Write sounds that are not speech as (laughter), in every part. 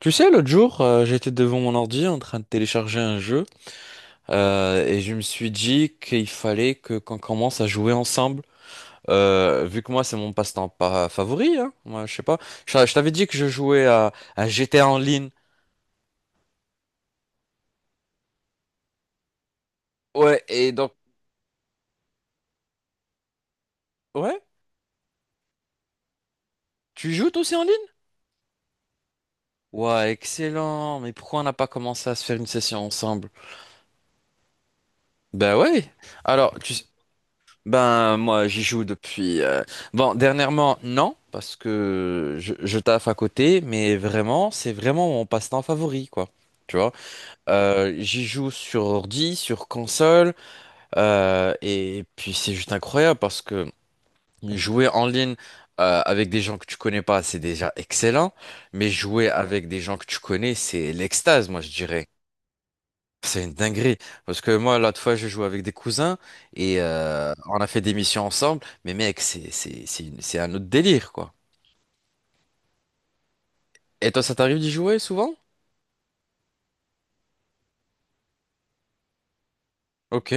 Tu sais, l'autre jour, j'étais devant mon ordi en train de télécharger un jeu et je me suis dit qu'il fallait que qu'on commence à jouer ensemble. Vu que moi, c'est mon passe-temps pas favori, hein, moi, je sais pas. Je t'avais dit que je jouais à GTA en ligne. Ouais, et donc, ouais, tu joues toi aussi en ligne? Ouais, excellent. Mais pourquoi on n'a pas commencé à se faire une session ensemble? Ben ouais. Alors, ben, moi, j'y joue depuis. Bon, dernièrement, non, parce que je taffe à côté, mais vraiment, c'est vraiment mon passe-temps favori, quoi. Tu vois, j'y joue sur ordi, sur console, et puis c'est juste incroyable parce que jouer en ligne avec des gens que tu connais pas, c'est déjà excellent, mais jouer avec des gens que tu connais, c'est l'extase, moi, je dirais. C'est une dinguerie. Parce que moi, l'autre fois, je joué avec des cousins et on a fait des missions ensemble. Mais mec, c'est un autre délire, quoi. Et toi, ça t'arrive d'y jouer souvent? Ok,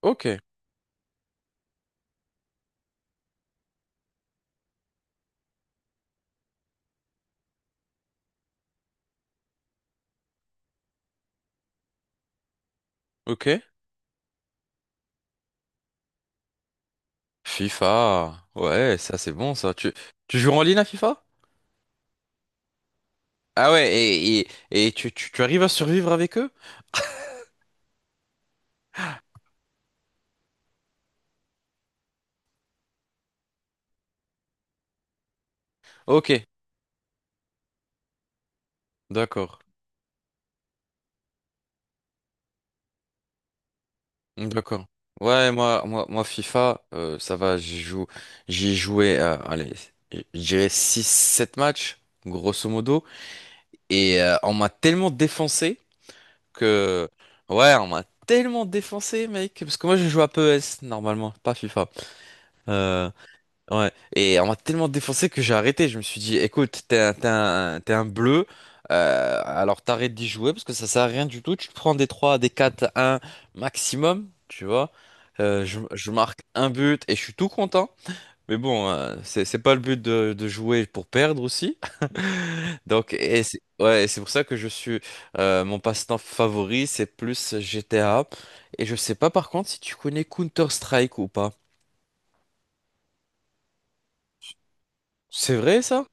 ok, ok. FIFA. Ouais, ça c'est bon, ça. Tu joues en ligne à FIFA? Ah ouais, et tu arrives à survivre avec eux? Ok, d'accord. D'accord. Ouais, moi FIFA, ça va, j'y joue. J'y ai joué, allez, je dirais six sept matchs, grosso modo. Et on m'a tellement défoncé que... Ouais, on m'a tellement défoncé, mec. Parce que moi, je joue à P E S normalement, pas FIFA. Euh, ouais. Et on m'a tellement défoncé que j'ai arrêté. Je me suis dit, écoute, t'es un bleu. Alors t'arrêtes d'y jouer parce que ça sert à rien du tout. Tu te prends des 3, des quatre, un maximum, tu vois. Je marque un but et je suis tout content. Mais bon, c'est pas le but de jouer pour perdre aussi. (laughs) Donc, et c'est ouais, et c'est pour ça que je suis mon passe-temps favori, c'est plus GTA. Et je sais pas par contre si tu connais Counter-Strike ou pas. C'est vrai ça?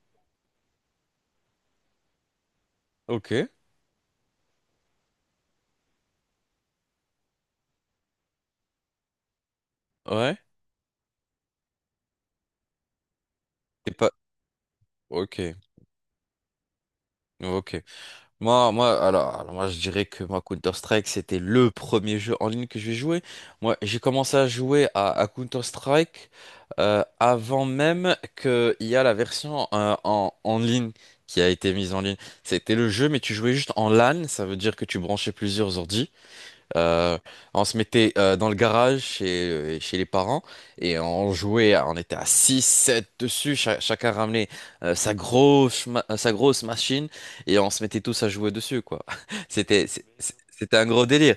Ok. Ouais. Et pas. Ok. Ok. Moi, je dirais que moi, Counter-Strike, c'était le premier jeu en ligne que j'ai joué. Moi, j'ai commencé à jouer à Counter-Strike avant même qu'il y a la version en ligne qui a été mise en ligne. C'était le jeu, mais tu jouais juste en LAN, ça veut dire que tu branchais plusieurs ordi. Euh, on se mettait dans le garage chez les parents et on jouait, on était à 6, 7 dessus, chacun ramenait sa grosse machine et on se mettait tous à jouer dessus, quoi. (laughs) C'était un gros délire.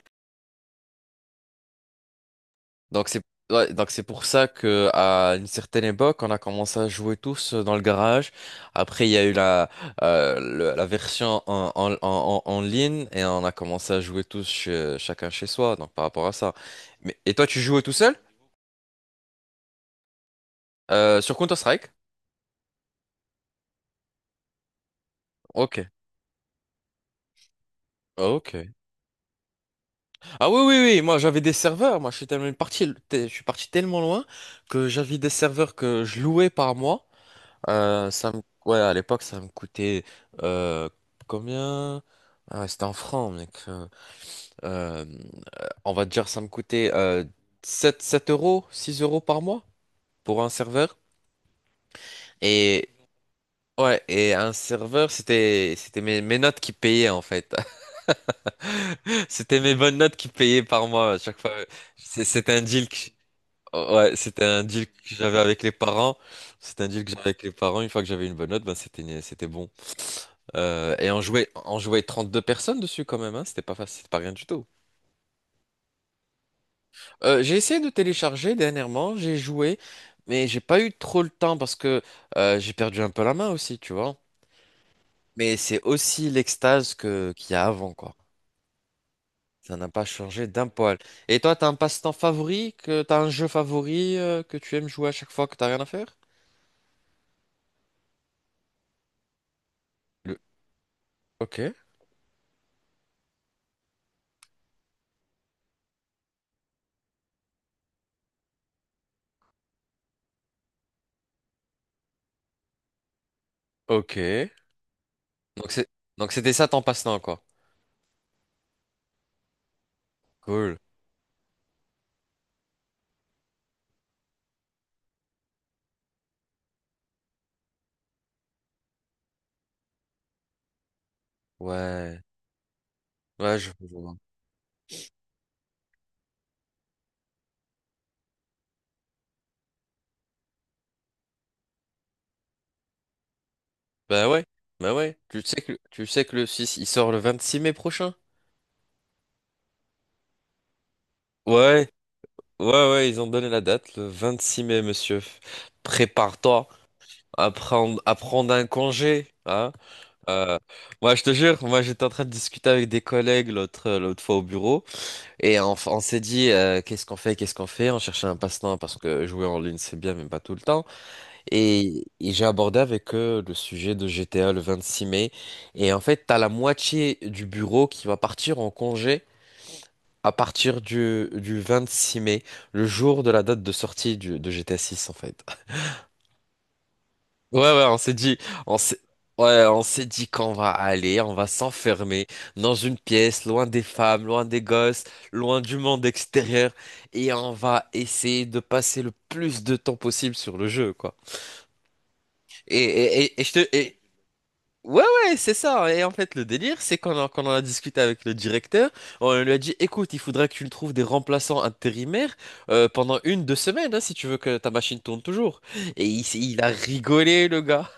Donc c'est ouais, donc c'est pour ça que à une certaine époque, on a commencé à jouer tous dans le garage. Après, il y a eu la version en ligne et on a commencé à jouer chacun chez soi. Donc par rapport à ça. Mais et toi, tu jouais tout seul? Sur Counter-Strike? Ok. Ok. Ah oui, oui, oui, moi j'avais des serveurs, moi je suis tellement parti, je suis parti tellement loin que j'avais des serveurs que je louais par mois. Ça me... Ouais, à l'époque, ça me coûtait euh, combien? Ah, c'était en francs, mec. Euh, on va dire, ça me coûtait 7 7 euros, 6 euros par mois pour un serveur. Et ouais, et un serveur, c'était mes notes qui payaient en fait. (laughs) C'était mes bonnes notes qui payaient par mois à chaque fois. C'était un deal que... Ouais, c'était un deal que j'avais avec les parents. C'était un deal que j'avais avec les parents. Une fois que j'avais une bonne note, ben c'était bon. Et on jouait 32 personnes dessus quand même, hein. C'était pas facile, c'était pas rien du tout. J'ai essayé de télécharger dernièrement, j'ai joué, mais j'ai pas eu trop le temps parce que j'ai perdu un peu la main aussi, tu vois. Mais c'est aussi l'extase que qu'il y a avant, quoi. Ça n'a pas changé d'un poil. Et toi, t'as un passe-temps favori, que t'as un jeu favori que tu aimes jouer à chaque fois que t'as rien à faire? Le- Ok, ok. Donc c'est, donc c'était ça ton passe-temps, quoi. Cool. Ouais, ouais, je vois. Bah ouais, bah ouais. Tu sais que le 6, il sort le 26 mai prochain? Ouais, ouais, ouais, ils ont donné la date, le 26 mai, monsieur. Prépare-toi à prendre un congé, hein? Euh, moi, je te jure, moi, j'étais en train de discuter avec des collègues l'autre fois au bureau, et on s'est dit, qu'est-ce qu'on fait, qu'est-ce qu'on fait? On cherchait un passe-temps parce que jouer en ligne, c'est bien, mais pas tout le temps. Et j'ai abordé avec eux le sujet de GTA le 26 mai. Et en fait, t'as la moitié du bureau qui va partir en congé à partir du 6 mai, le jour de la date de sortie de GTA 6 en fait. (laughs) Ouais, ouais, on s'est dit, on s'est, ouais, on s'est dit qu'on va aller, on va s'enfermer dans une pièce, loin des femmes, loin des gosses, loin du monde extérieur, et on va essayer de passer le plus de temps possible sur le jeu, quoi. Et, et, et, et je te, et, Ouais, ouais, c'est ça. Et en fait, le délire, c'est qu'on en a discuté avec le directeur, on lui a dit, écoute, il faudra que tu nous trouves des remplaçants intérimaires pendant une, deux semaines, hein, si tu veux que ta machine tourne toujours. Et il a rigolé, le gars.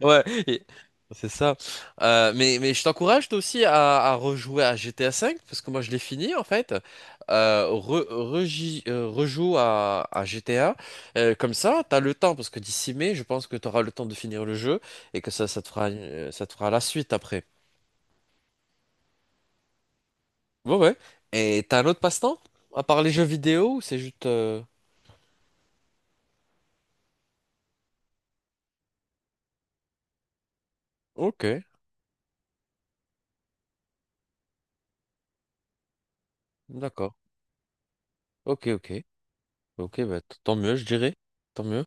Ouais, c'est ça. Mais je t'encourage toi aussi à rejouer à GTA V, parce que moi je l'ai fini en fait. Rejoue à GTA. Comme ça, t'as le temps, parce que d'ici mai, je pense que t'auras le temps de finir le jeu et que ça te fera la suite après. Ouais, ouais. Et t'as un autre passe-temps? À part les jeux vidéo, ou c'est juste... Ok, d'accord. Ok, ok. Ok, bah, tant mieux, je dirais. Tant mieux.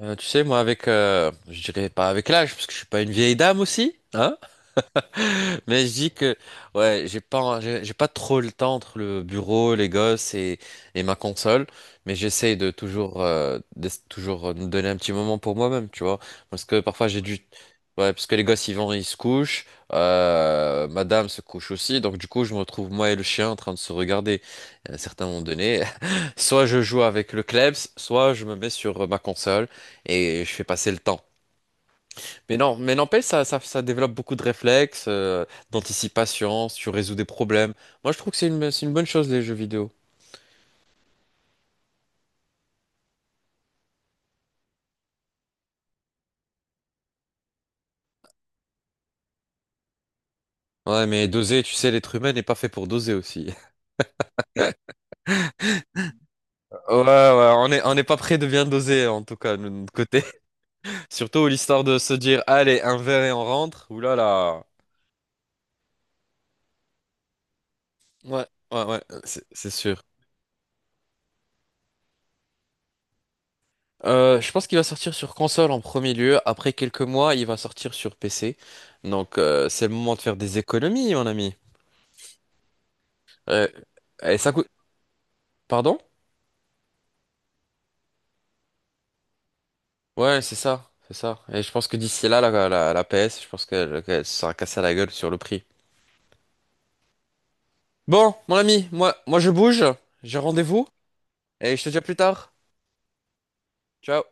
Tu sais, moi, avec, je dirais pas avec l'âge, parce que je suis pas une vieille dame aussi, hein. (laughs) Mais je dis que ouais, j'ai pas trop le temps entre le bureau, les gosses et, ma console, mais j'essaye de toujours me donner un petit moment pour moi-même, tu vois, parce que parfois j'ai dû ouais, parce que les gosses ils se couchent, madame se couche aussi, donc du coup je me retrouve moi et le chien en train de se regarder. À un certain moment donné, (laughs) soit je joue avec le Klebs, soit je me mets sur ma console et je fais passer le temps. Mais non, mais n'empêche, ça développe beaucoup de réflexes, d'anticipation, si tu résous des problèmes. Moi, je trouve que c'est une bonne chose, les jeux vidéo. Ouais, mais doser, tu sais, l'être humain n'est pas fait pour doser aussi. (laughs) Ouais, ouais, on n'est pas prêt de bien doser, en tout cas, de notre côté. (laughs) Surtout l'histoire de se dire, allez, un verre et on rentre. Ouh là là. Ouais, ouais, ouais, c'est sûr. Je pense qu'il va sortir sur console en premier lieu. Après quelques mois, il va sortir sur PC. Donc, c'est le moment de faire des économies, mon ami. Euh, et ça coûte... Pardon? Ouais, c'est ça, c'est ça. Et je pense que d'ici là, la PS, je pense qu'elle se sera cassée à la gueule sur le prix. Bon, mon ami, moi je bouge, j'ai rendez-vous, et je te dis à plus tard. Ciao.